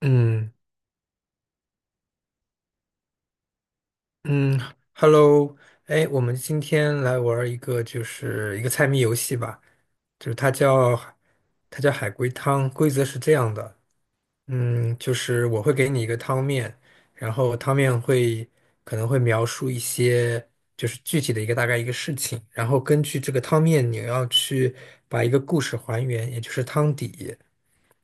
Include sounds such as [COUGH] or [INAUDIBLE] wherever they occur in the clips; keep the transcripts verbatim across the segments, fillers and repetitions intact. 嗯嗯，Hello，哎，我们今天来玩儿一个，就是一个猜谜游戏吧。就是它叫它叫海龟汤，规则是这样的。嗯，就是我会给你一个汤面，然后汤面会可能会描述一些，就是具体的一个，大概一个事情。然后根据这个汤面你要去把一个故事还原，也就是汤底。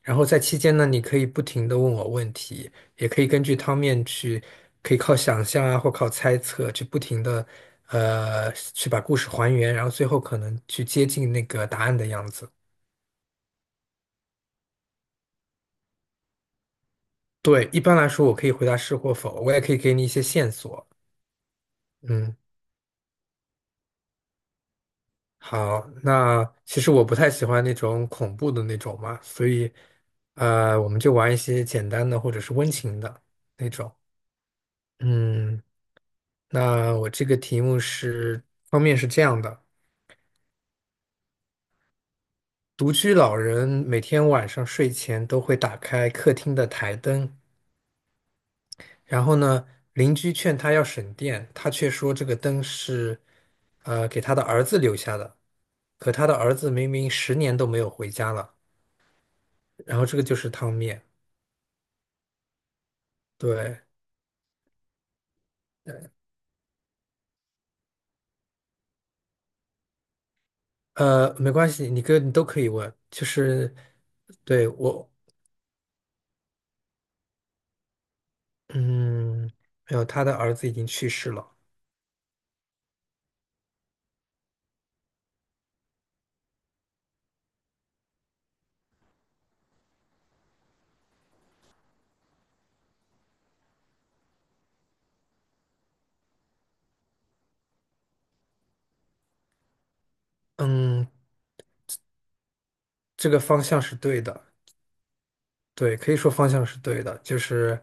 然后在期间呢，你可以不停的问我问题，也可以根据汤面去，可以靠想象啊，或靠猜测去不停的，呃，去把故事还原，然后最后可能去接近那个答案的样子。对，一般来说我可以回答是或否，我也可以给你一些线索。嗯，好，那其实我不太喜欢那种恐怖的那种嘛，所以，呃，我们就玩一些简单的或者是温情的那种。嗯，那我这个题目是，方面是这样的。独居老人每天晚上睡前都会打开客厅的台灯，然后呢，邻居劝他要省电，他却说这个灯是，呃，给他的儿子留下的。可他的儿子明明十年都没有回家了，然后这个就是汤面。对，呃，没关系，你哥你都可以问，就是对我。嗯，没有，他的儿子已经去世了。嗯，这个方向是对的。对，可以说方向是对的，就是，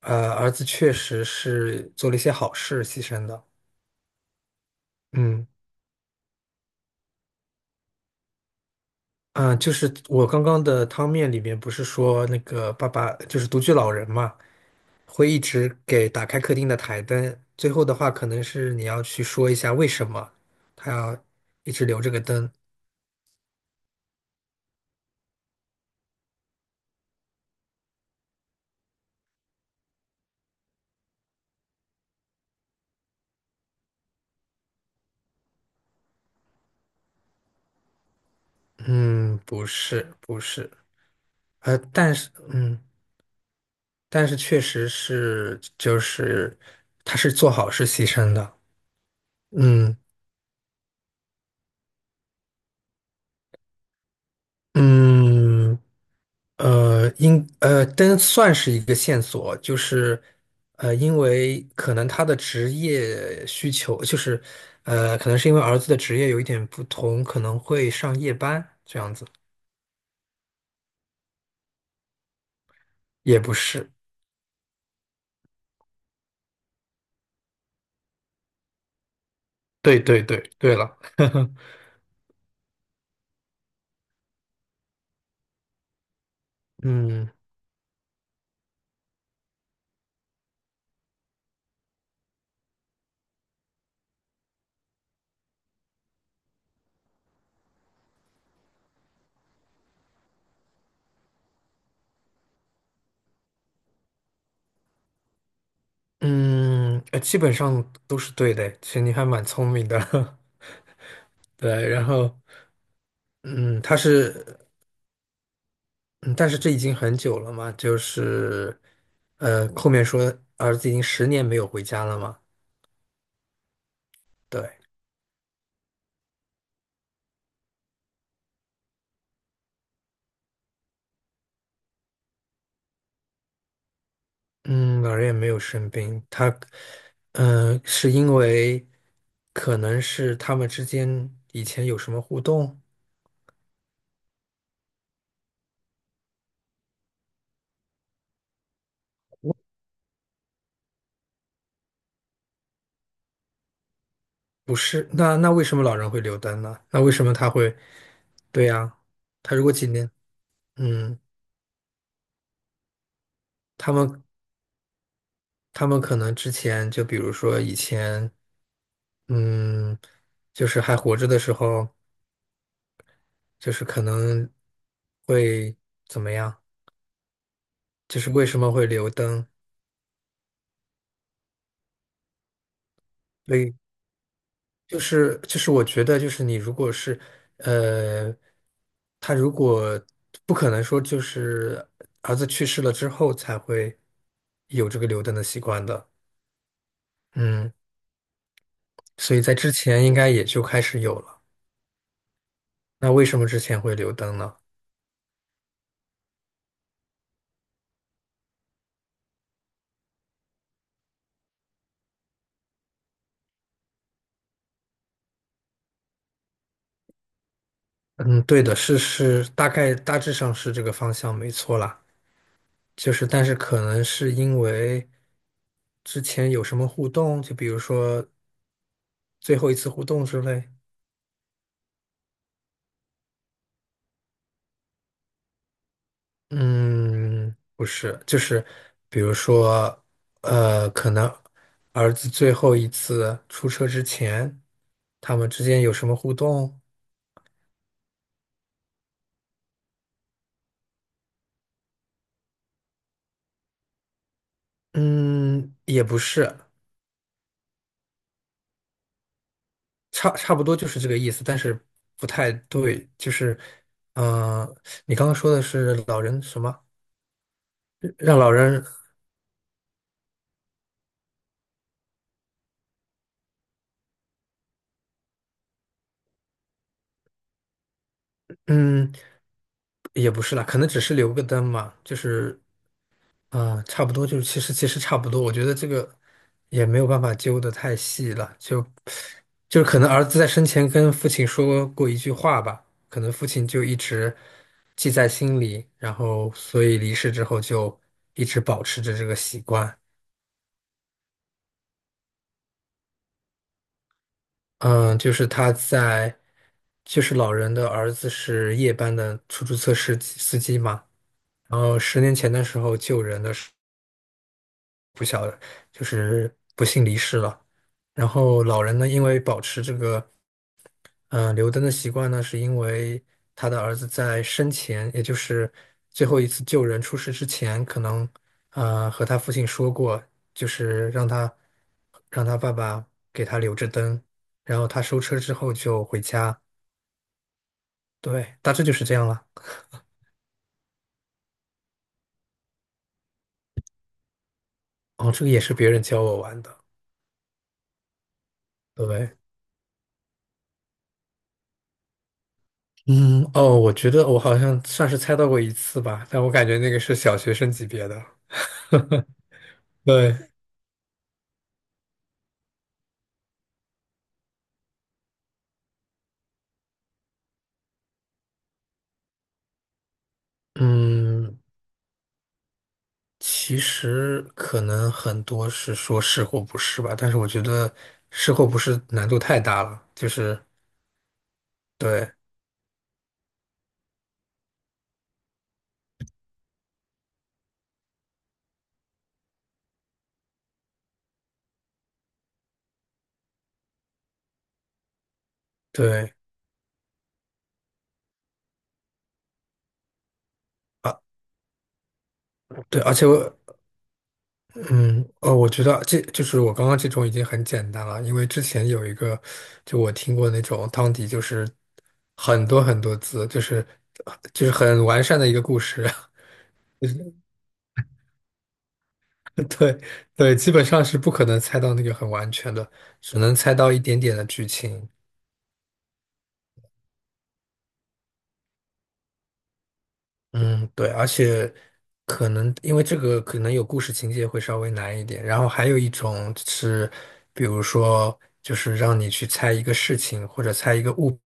呃，儿子确实是做了一些好事，牺牲的。嗯嗯，呃就是我刚刚的汤面里面不是说那个爸爸就是独居老人嘛，会一直给打开客厅的台灯。最后的话，可能是你要去说一下为什么他要一直留这个灯。嗯，不是，不是，呃，但是，嗯，但是确实是，就是他是做好事牺牲的。嗯。嗯，呃，应呃，但算是一个线索，就是，呃，因为可能他的职业需求，就是，呃，可能是因为儿子的职业有一点不同，可能会上夜班这样子。也不是，对对对，对了。[LAUGHS] 嗯嗯，呃，基本上都是对的，其实你还蛮聪明的。[LAUGHS] 对，然后，嗯，他是。嗯，但是这已经很久了嘛，就是，呃，后面说儿子已经十年没有回家了嘛。对。嗯，老人也没有生病，他，嗯、是因为可能是他们之间以前有什么互动。不是？那那为什么老人会留灯呢？那为什么他会？对呀，他如果几年，嗯，他们他们可能之前就比如说以前，嗯，就是还活着的时候。就是可能会怎么样？就是为什么会留灯？对，就是就是我觉得就是你如果是呃，他如果不可能说就是儿子去世了之后才会有这个留灯的习惯的。嗯，所以在之前应该也就开始有了。那为什么之前会留灯呢？嗯，对的，是是，大概大致上是这个方向没错啦。就是，但是可能是因为。之前有什么互动？就比如说最后一次互动之类。嗯，不是，就是比如说，呃，可能儿子最后一次出车之前，他们之间有什么互动？嗯，也不是，差差不多就是这个意思，但是不太对。就是，嗯、你刚刚说的是老人什么？让老人，嗯，也不是啦，可能只是留个灯嘛。就是啊，差不多就是，其实其实差不多，我觉得这个也没有办法揪得太细了，就就是可能儿子在生前跟父亲说过一句话吧，可能父亲就一直记在心里，然后所以离世之后就一直保持着这个习惯。嗯，就是他在，就是老人的儿子是夜班的出租车司机司机嘛。然后十年前的时候救人的时候不小了，就是不幸离世了。然后老人呢，因为保持这个嗯、呃留灯的习惯呢，是因为他的儿子在生前，也就是最后一次救人出事之前，可能呃和他父亲说过，就是让他让他爸爸给他留着灯，然后他收车之后就回家。对，大致就是这样了。哦，这个也是别人教我玩的。对不对。嗯，哦，我觉得我好像算是猜到过一次吧，但我感觉那个是小学生级别的。[LAUGHS] 对，嗯，其实可能很多是说是或不是吧，但是我觉得是或不是难度太大了，就是对对啊对，而且我嗯哦，我觉得这就是我刚刚这种已经很简单了，因为之前有一个就我听过那种汤底，就是很多很多字，就是就是很完善的一个故事。[LAUGHS] [LAUGHS] 对对，基本上是不可能猜到那个很完全的，只能猜到一点点的剧情。嗯，对，而且可能因为这个可能有故事情节会稍微难一点，然后还有一种是，比如说就是让你去猜一个事情，或者猜一个物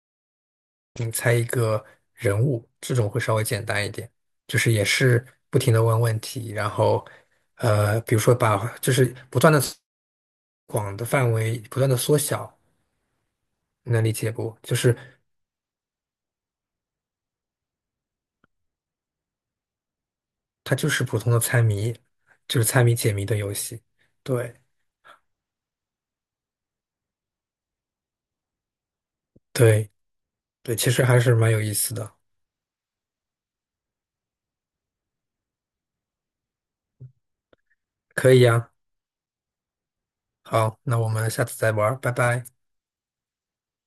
品，猜一个人物，这种会稍微简单一点，就是也是不停的问问题，然后呃，比如说把就是不断的广的范围不断的缩小。能理解不？就是它就是普通的猜谜，就是猜谜解谜的游戏。对对对，其实还是蛮有意思的。可以呀，好，那我们下次再玩儿拜拜。